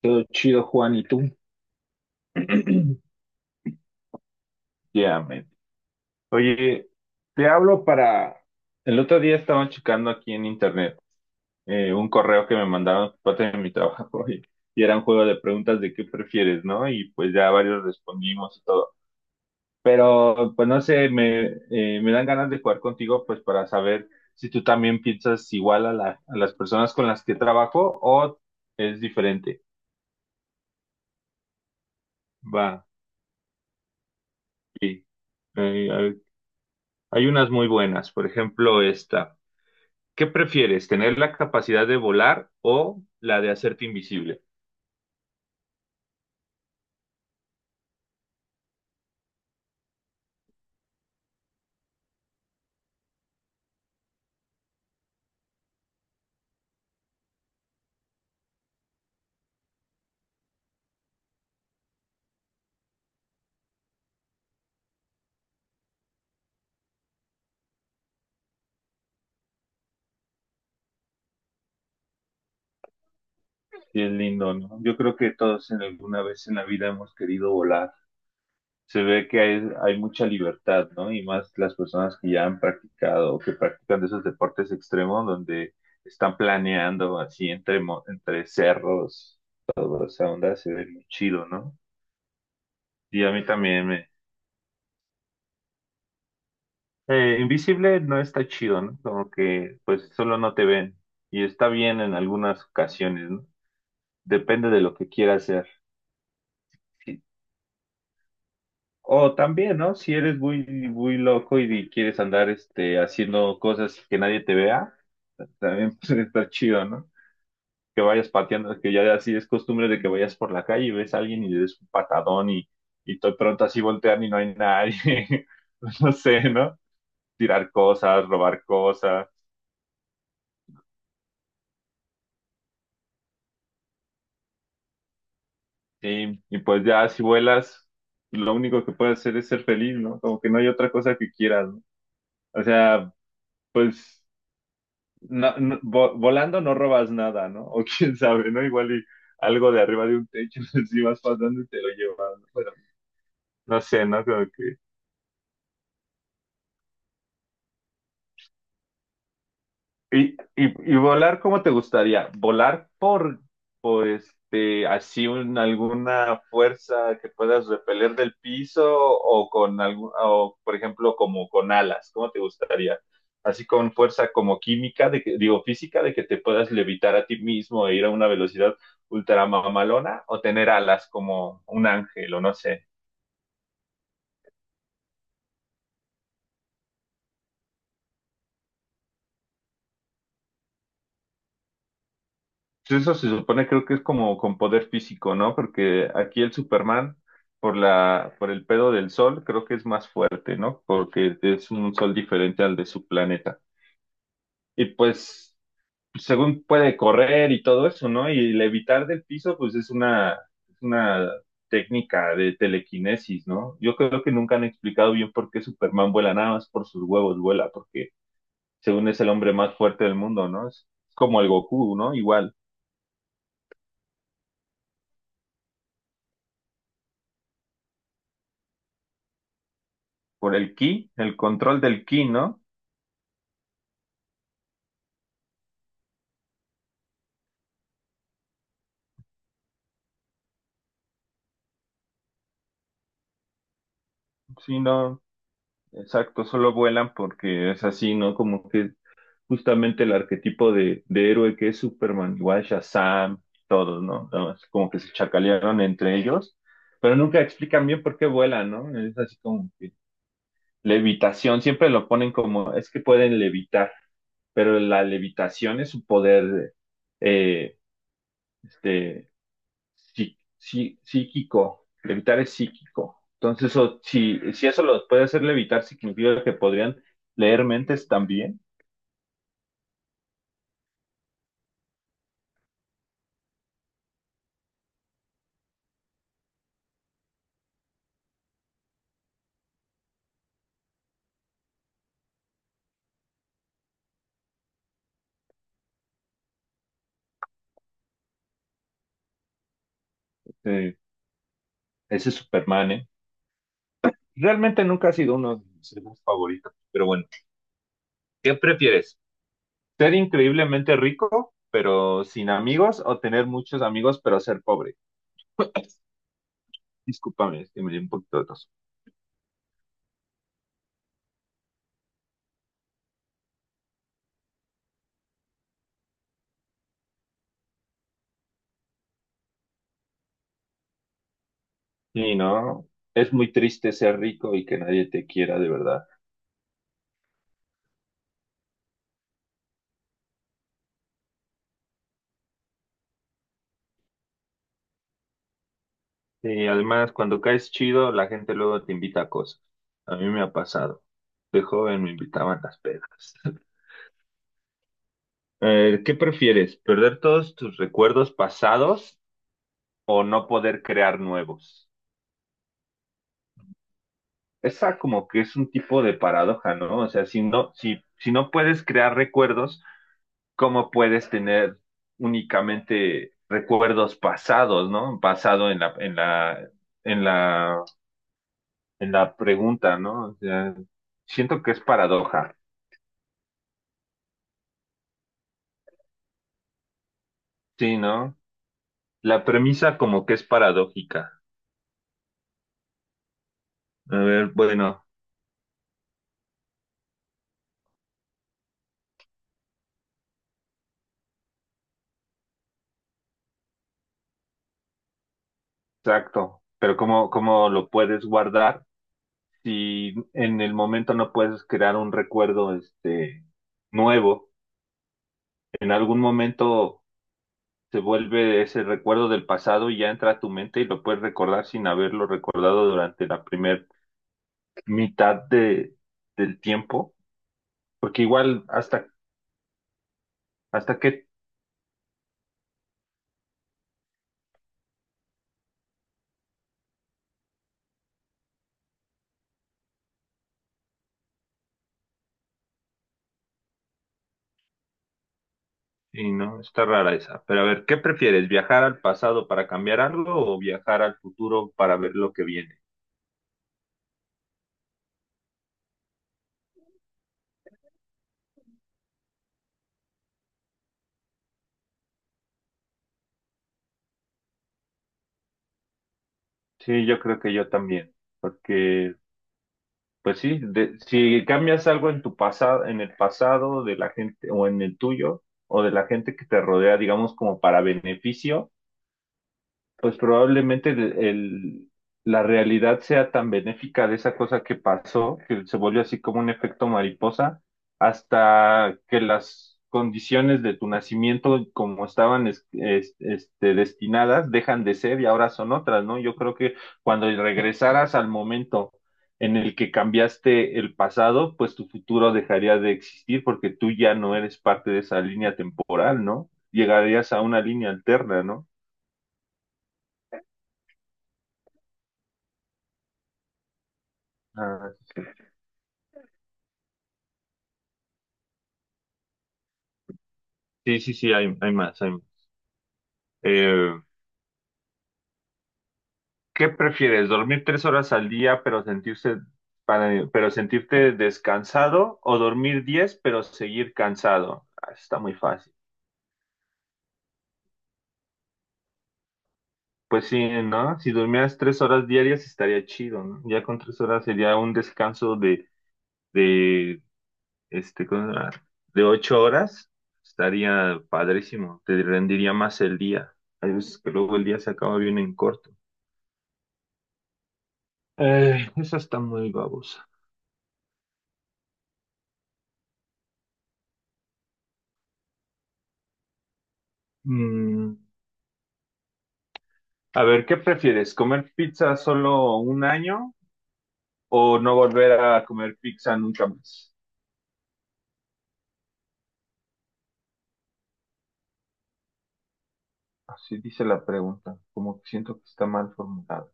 Todo chido, Juan, ¿y tú? Ya, man. Oye, te hablo para... El otro día estaba checando aquí en internet un correo que me mandaron por parte de mi trabajo y era un juego de preguntas de qué prefieres, ¿no? Y pues ya varios respondimos y todo. Pero pues no sé, me dan ganas de jugar contigo pues para saber si tú también piensas igual a las personas con las que trabajo o es diferente. Va, sí. Hay unas muy buenas, por ejemplo, esta. ¿Qué prefieres, tener la capacidad de volar o la de hacerte invisible? Sí, es lindo, ¿no? Yo creo que todos en alguna vez en la vida hemos querido volar. Se ve que hay mucha libertad, ¿no? Y más las personas que ya han practicado o que practican de esos deportes extremos donde están planeando así entre cerros, toda esa onda se ve muy chido, ¿no? Y a mí también me, eh, invisible no está chido, ¿no? Como que pues solo no te ven y está bien en algunas ocasiones, ¿no? Depende de lo que quieras hacer. Sí. O también, ¿no? Si eres muy loco y quieres andar este, haciendo cosas que nadie te vea, también puede estar chido, ¿no? Que vayas pateando, que ya así es costumbre de que vayas por la calle y ves a alguien y le des un patadón y de pronto así voltean y no hay nadie. No sé, ¿no? Tirar cosas, robar cosas. Sí, y pues ya si vuelas, lo único que puedes hacer es ser feliz, ¿no? Como que no hay otra cosa que quieras, ¿no? O sea, pues volando no robas nada, ¿no? O quién sabe, ¿no? Igual y algo de arriba de un techo, si vas pasando y te lo llevas, ¿no? Pero no sé, ¿no? Y volar, ¿cómo te gustaría? ¿Volar por alguna fuerza que puedas repeler del piso o con algún, o por ejemplo, como con alas? ¿Cómo te gustaría? Así con fuerza como química, de que, digo física, de que te puedas levitar a ti mismo e ir a una velocidad ultra mamalona o tener alas como un ángel o no sé. Pues eso se supone, creo que es como con poder físico, ¿no? Porque aquí el Superman, por el pedo del sol, creo que es más fuerte, ¿no? Porque es un sol diferente al de su planeta. Y pues, según puede correr y todo eso, ¿no? Y levitar del piso, pues es una técnica de telequinesis, ¿no? Yo creo que nunca han explicado bien por qué Superman vuela, nada más por sus huevos vuela, porque según es el hombre más fuerte del mundo, ¿no? Es como el Goku, ¿no? Igual. Por el ki, el control del ki, ¿no? Sí, no, exacto, solo vuelan porque es así, ¿no? Como que justamente el arquetipo de héroe que es Superman, igual Shazam, todos, ¿no? Nada más como que se chacalearon entre ellos, pero nunca explican bien por qué vuelan, ¿no? Es así como que levitación, siempre lo ponen como, es que pueden levitar, pero la levitación es su poder, eh, este psíquico. Levitar es psíquico. Entonces, si eso lo puede hacer levitar, significa que podrían leer mentes también. Eh, ese es Superman, ¿eh? Realmente nunca ha sido uno de mis héroes favoritos. Pero bueno, ¿qué prefieres? ¿Ser increíblemente rico, pero sin amigos? ¿O tener muchos amigos, pero ser pobre? Discúlpame, es que me dio un poquito de tos. Sí, no, es muy triste ser rico y que nadie te quiera de verdad. Sí, además, cuando caes chido, la gente luego te invita a cosas. A mí me ha pasado. De joven me invitaban a las pedas. ¿Qué prefieres? ¿Perder todos tus recuerdos pasados o no poder crear nuevos? Esa como que es un tipo de paradoja, ¿no? O sea, si no puedes crear recuerdos, ¿cómo puedes tener únicamente recuerdos pasados? ¿No? Pasado en la, en la pregunta, ¿no? O sea, siento que es paradoja. Sí, ¿no? La premisa como que es paradójica. A ver, bueno, exacto. Pero ¿cómo, cómo lo puedes guardar si en el momento no puedes crear un recuerdo este nuevo? En algún momento se vuelve ese recuerdo del pasado y ya entra a tu mente y lo puedes recordar sin haberlo recordado durante la primer mitad del tiempo. Porque igual hasta, hasta qué. Sí, no, está rara esa. Pero a ver, ¿qué prefieres? ¿Viajar al pasado para cambiar algo o viajar al futuro para ver lo que viene? Sí, yo creo que yo también, porque pues sí, si cambias algo en tu pasado, en el pasado de la gente o en el tuyo o de la gente que te rodea, digamos como para beneficio. Pues probablemente la realidad sea tan benéfica de esa cosa que pasó, que se volvió así como un efecto mariposa, hasta que las condiciones de tu nacimiento, como estaban destinadas, dejan de ser y ahora son otras, ¿no? Yo creo que cuando regresaras al momento en el que cambiaste el pasado, pues tu futuro dejaría de existir porque tú ya no eres parte de esa línea temporal, ¿no? Llegarías a una línea alterna, ¿no? Ah, sí, sí, sí, hay más, hay más. Eh, ¿Qué prefieres? ¿Dormir 3 horas al día pero pero sentirte descansado o dormir 10 pero seguir cansado? Ah, está muy fácil. Pues sí, ¿no? Si durmieras 3 horas diarias estaría chido, ¿no? Ya con 3 horas sería un descanso de ¿cómo se llama? De 8 horas. Estaría padrísimo, te rendiría más el día. Hay veces que luego el día se acaba bien en corto. Esa está muy babosa. Mm. A ver, ¿qué prefieres? ¿Comer pizza solo un año o no volver a comer pizza nunca más? Así dice la pregunta, como que siento que está mal formulada.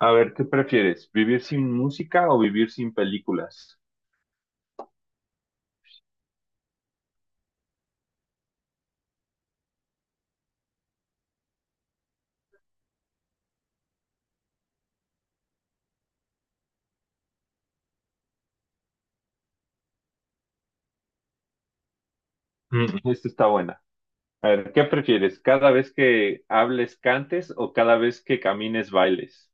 A ver, ¿qué prefieres? ¿Vivir sin música o vivir sin películas? Mm, esta está buena. A ver, ¿qué prefieres? ¿Cada vez que hables cantes o cada vez que camines bailes?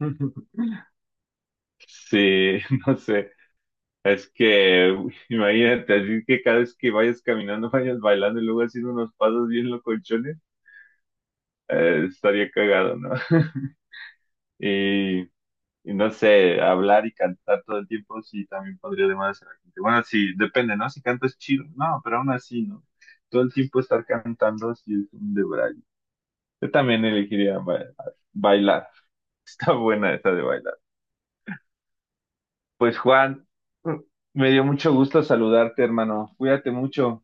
Sí, no sé. Es que, uy, imagínate, así que cada vez que vayas caminando, vayas bailando y luego haciendo unos pasos bien locochones. Estaría cagado, ¿no? Y, y no sé, hablar y cantar todo el tiempo, sí, también podría demandar a la gente. Bueno, sí, depende, ¿no? Si cantas chido, no, pero aún así, ¿no? Todo el tiempo estar cantando, sí, es un debraye. Yo también elegiría bailar. Está buena esa de bailar. Pues Juan, me dio mucho gusto saludarte, hermano. Cuídate mucho.